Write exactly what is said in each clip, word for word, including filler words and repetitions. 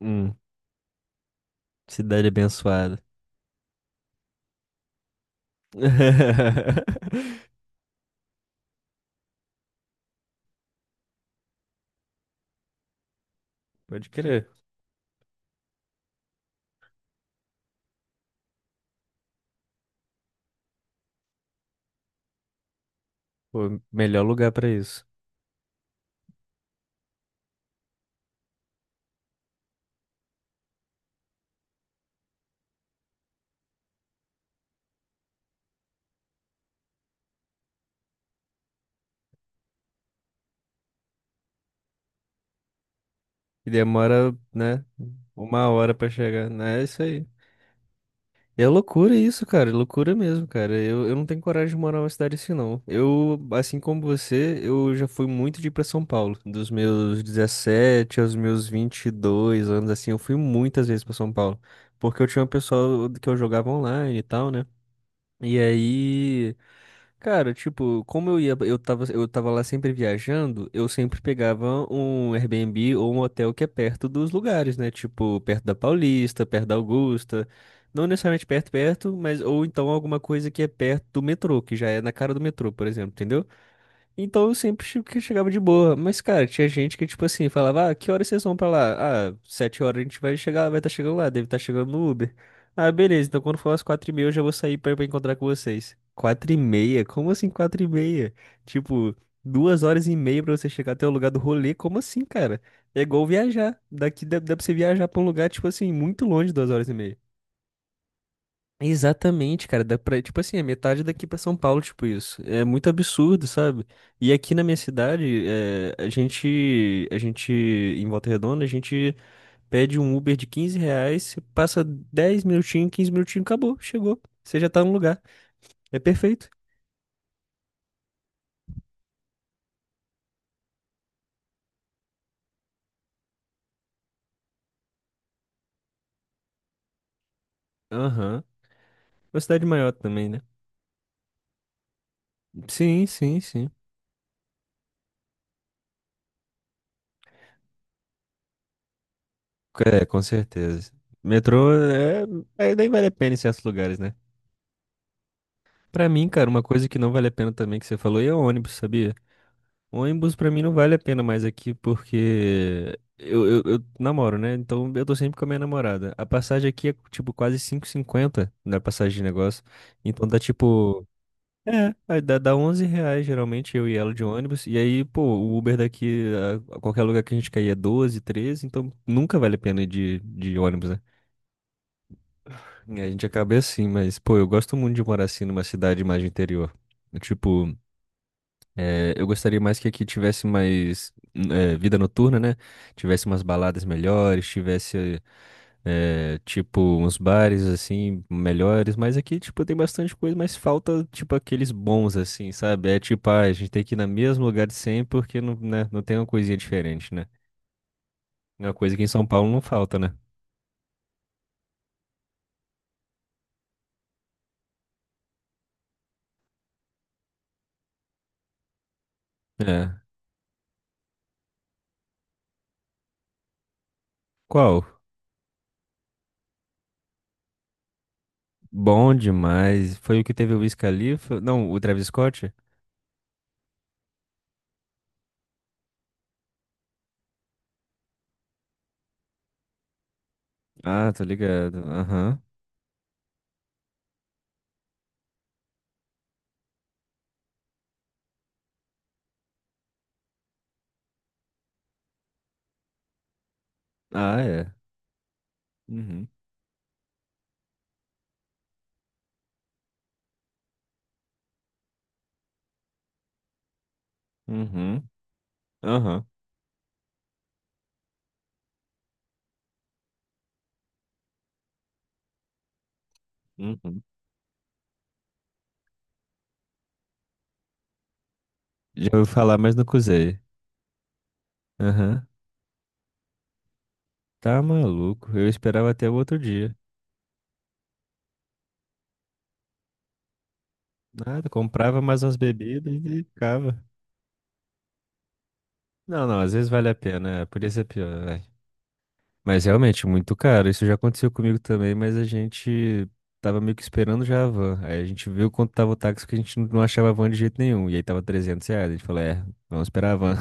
Hum, cidade abençoada. Pode crer. Pô, melhor lugar pra isso. E demora, né, uma hora pra chegar, né? É isso aí. é loucura isso, cara. É loucura mesmo, cara. Eu, eu não tenho coragem de morar numa cidade assim, não. Eu, assim como você, eu já fui muito de ir pra São Paulo. Dos meus dezessete aos meus vinte e dois anos, assim, eu fui muitas vezes pra São Paulo. Porque eu tinha um pessoal que eu jogava online e tal, né? E aí. Cara, tipo, como eu ia, eu tava, eu tava lá sempre viajando, eu sempre pegava um Airbnb ou um hotel que é perto dos lugares, né? Tipo, perto da Paulista, perto da Augusta. Não necessariamente perto, perto, mas ou então alguma coisa que é perto do metrô, que já é na cara do metrô, por exemplo, entendeu? Então eu sempre che- que chegava de boa. Mas, cara, tinha gente que, tipo assim, falava, ah, que horas vocês vão pra lá? Ah, sete horas a gente vai chegar, vai estar chegando lá, deve estar chegando no Uber. Ah, beleza, então quando for às quatro e meia eu já vou sair pra, pra encontrar com vocês. Quatro e meia? Como assim quatro e meia? Tipo, duas horas e meia pra você chegar até o lugar do rolê? Como assim, cara? É igual viajar. Daqui dá, dá pra você viajar pra um lugar, tipo assim, muito longe, duas horas e meia. Exatamente, cara. Dá pra, tipo assim, é metade daqui pra São Paulo, tipo isso. É muito absurdo, sabe? E aqui na minha cidade, é, a gente, a gente, em Volta Redonda, a gente pede um Uber de quinze reais, você passa dez minutinhos, quinze minutinhos, acabou, chegou. Você já tá no lugar. É perfeito. Aham. Uma cidade maior também, né? Sim, sim, sim. É, com certeza. Metrô é, é, nem vale a pena em certos lugares, né? Pra mim, cara, uma coisa que não vale a pena também que você falou aí é o ônibus, sabia? Ônibus pra mim não vale a pena mais aqui porque eu, eu, eu namoro, né? Então eu tô sempre com a minha namorada. A passagem aqui é tipo quase cinco e cinquenta na passagem de negócio. Então dá tipo. É, aí dá, dá onze reais geralmente eu e ela de ônibus. E aí, pô, o Uber daqui a, a qualquer lugar que a gente cair é doze, treze. Então nunca vale a pena ir de, de ônibus, né? E a gente acaba assim, mas pô, eu gosto muito de morar assim numa cidade mais de interior. Tipo. É, eu gostaria mais que aqui tivesse mais é, vida noturna, né? Tivesse umas baladas melhores, tivesse, é, tipo, uns bares, assim, melhores. Mas aqui, tipo, tem bastante coisa, mas falta, tipo, aqueles bons, assim, sabe? É tipo, ah, a gente tem que ir no mesmo lugar de sempre porque não, né, não tem uma coisinha diferente, né? É uma coisa que em São Paulo não falta, né? É. Qual? Bom demais. Foi o que teve o Wiz Khalifa? Não, o Travis Scott? Ah, tô ligado. Aham. Ah, é. Uhum. Uhum. Aham. Uhum. Já ouvi falar, mas não usei. Aham. Tá maluco. Eu esperava até o outro dia. Nada, comprava mais umas bebidas e ficava. Não, não, às vezes vale a pena. é, Podia ser pior, vai. Mas realmente, muito caro. Isso já aconteceu comigo também, mas a gente tava meio que esperando já a van. Aí a gente viu quanto tava o táxi, que a gente não achava a van de jeito nenhum. E aí tava trezentos reais. A gente falou, é, vamos esperar a van.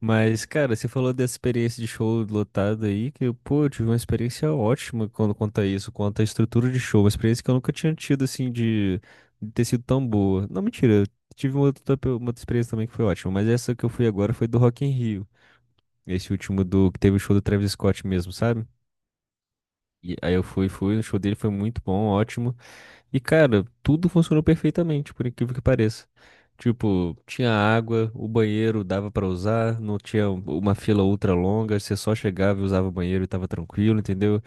Mas, cara, você falou dessa experiência de show lotado aí, que, pô, eu tive uma experiência ótima quando conta isso, quanto à estrutura de show, uma experiência que eu nunca tinha tido, assim, de, de ter sido tão boa. Não, mentira, eu tive uma outra, uma outra experiência também que foi ótima, mas essa que eu fui agora foi do Rock in Rio, esse último do, que teve o show do Travis Scott mesmo, sabe? E aí eu fui, fui, o show dele foi muito bom, ótimo. E, cara, tudo funcionou perfeitamente, por incrível que pareça. Tipo, tinha água, o banheiro dava pra usar, não tinha uma fila ultra longa, você só chegava e usava o banheiro e tava tranquilo, entendeu?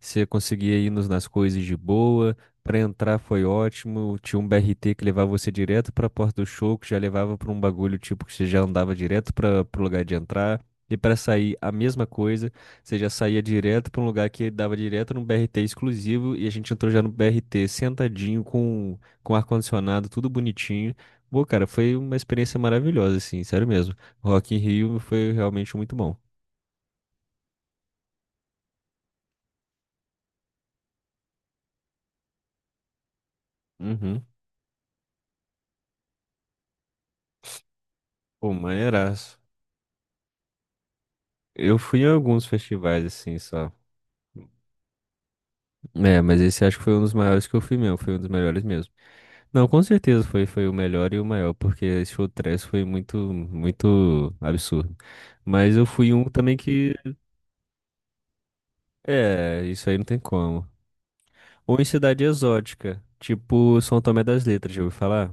Você conseguia ir nos- nas coisas de boa, pra entrar foi ótimo, tinha um B R T que levava você direto pra porta do show, que já levava pra um bagulho tipo que você já andava direto para pro lugar de entrar. E pra sair, a mesma coisa. Você já saía direto para um lugar que dava direto num B R T exclusivo e a gente entrou já no B R T sentadinho com, com ar-condicionado, tudo bonitinho. Pô, cara, foi uma experiência maravilhosa, assim, sério mesmo. Rock in Rio foi realmente muito bom. Uhum. Pô, maneiraço. Eu fui em alguns festivais, assim, só. É, mas esse acho que foi um dos maiores que eu fui mesmo, foi um dos melhores mesmo. Não, com certeza foi, foi o melhor e o maior, porque esse show trash foi muito, muito absurdo. Mas eu fui em um também que É, isso aí não tem como. Ou em cidade exótica, tipo São Tomé das Letras, já ouviu falar?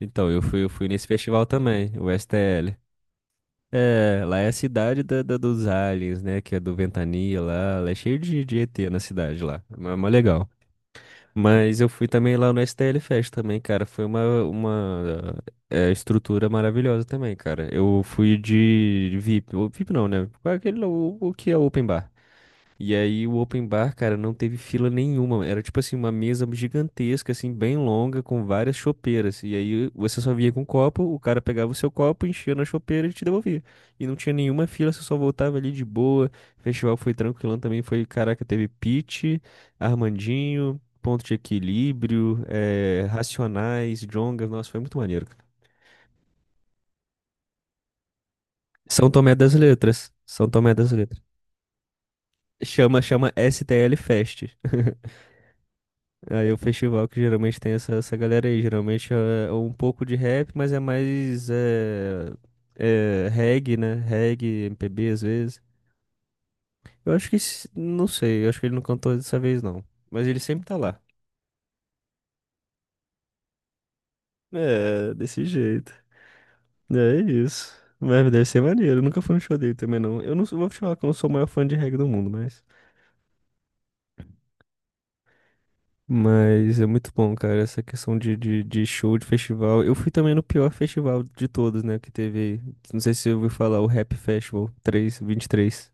Então, eu fui, eu fui nesse festival também, o S T L. É, lá é a cidade da, da- dos aliens, né? Que é do Ventania lá. Lá é cheio de, de E T na cidade lá. É mó legal. Mas eu fui também lá no S T L Fest também, cara. Foi uma, uma é, estrutura maravilhosa também, cara. Eu fui de V I P. O V I P não, né? Qual é aquele, o, o que é open bar? E aí o open bar, cara, não teve fila nenhuma. Era tipo assim, uma mesa gigantesca, assim, bem longa, com várias chopeiras. E aí você só via com um copo, o cara pegava o seu copo, enchia na chopeira e te devolvia. E não tinha nenhuma fila, você só voltava ali de boa. O festival foi tranquilão também, foi, caraca, teve Pitty, Armandinho, Ponto de Equilíbrio, eh, Racionais, Djonga. Nossa, foi muito maneiro. cara. São Tomé das Letras. São Tomé das Letras. Chama, chama S T L Fest. Aí o festival que geralmente tem essa, essa galera aí, geralmente é é um pouco de rap, mas é mais é, é, reggae, né? Reggae, M P B às vezes. Eu acho que, se- não sei, eu acho que ele não cantou dessa vez não, mas ele sempre tá lá. É, desse jeito. É isso. Mas deve ser maneiro, eu nunca fui no show dele também não. Eu não sou- vou te falar que eu não sou o maior fã de reggae do mundo, mas... Mas é muito bom, cara, essa questão de, de, de show, de festival. Eu fui também no pior festival de todos, né, que teve. aí. Não sei se você ouviu falar, o Rap Festival três, três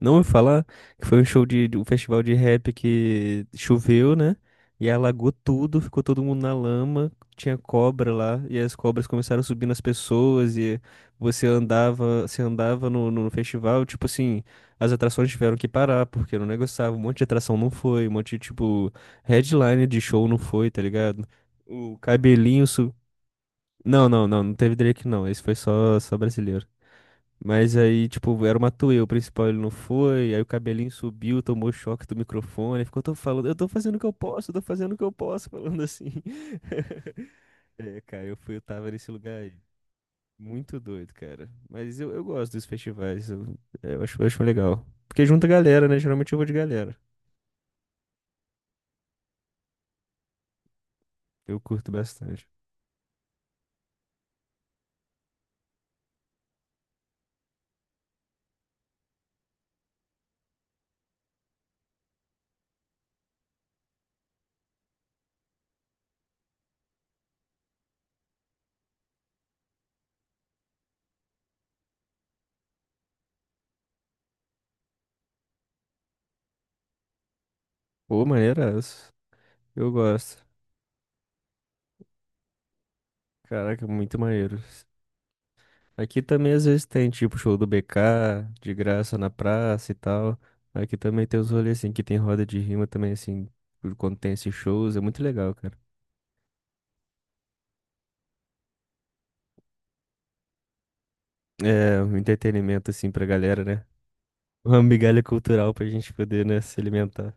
não vou falar que foi um show de, de um festival de rap que choveu, né? E alagou tudo, ficou todo mundo na lama, tinha cobra lá, e as cobras começaram a subir nas pessoas, e você andava, você andava no, no festival, tipo assim, as atrações tiveram que parar, porque não negociava, um monte de atração não foi, um monte de, tipo, headline de show não foi, tá ligado? O cabelinho sub... Não, não, não, não teve Drake não, esse foi só, só brasileiro. Mas aí, tipo, era uma Matuê, o principal ele não foi, aí o cabelinho subiu, tomou choque do microfone, ficou todo falando, eu tô fazendo o que eu posso, eu tô fazendo o que eu posso, falando assim. É, cara, eu fui, eu tava nesse lugar aí. Muito doido, cara. Mas eu, eu gosto dos festivais, eu, é, eu acho, eu acho legal. Porque junta galera, né? Geralmente eu vou de galera. Eu curto bastante. Pô, maneiraço. Eu gosto. Caraca, muito maneiro. Aqui também às vezes tem, tipo, show do B K, de graça na praça e tal. Aqui também tem os rolês, assim, que tem roda de rima também, assim, por quando tem esses shows, é muito legal, cara. É, um entretenimento, assim, pra galera, né? Uma migalha cultural pra gente poder, né, se alimentar.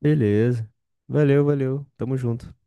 Beleza. Valeu, valeu. Tamo junto.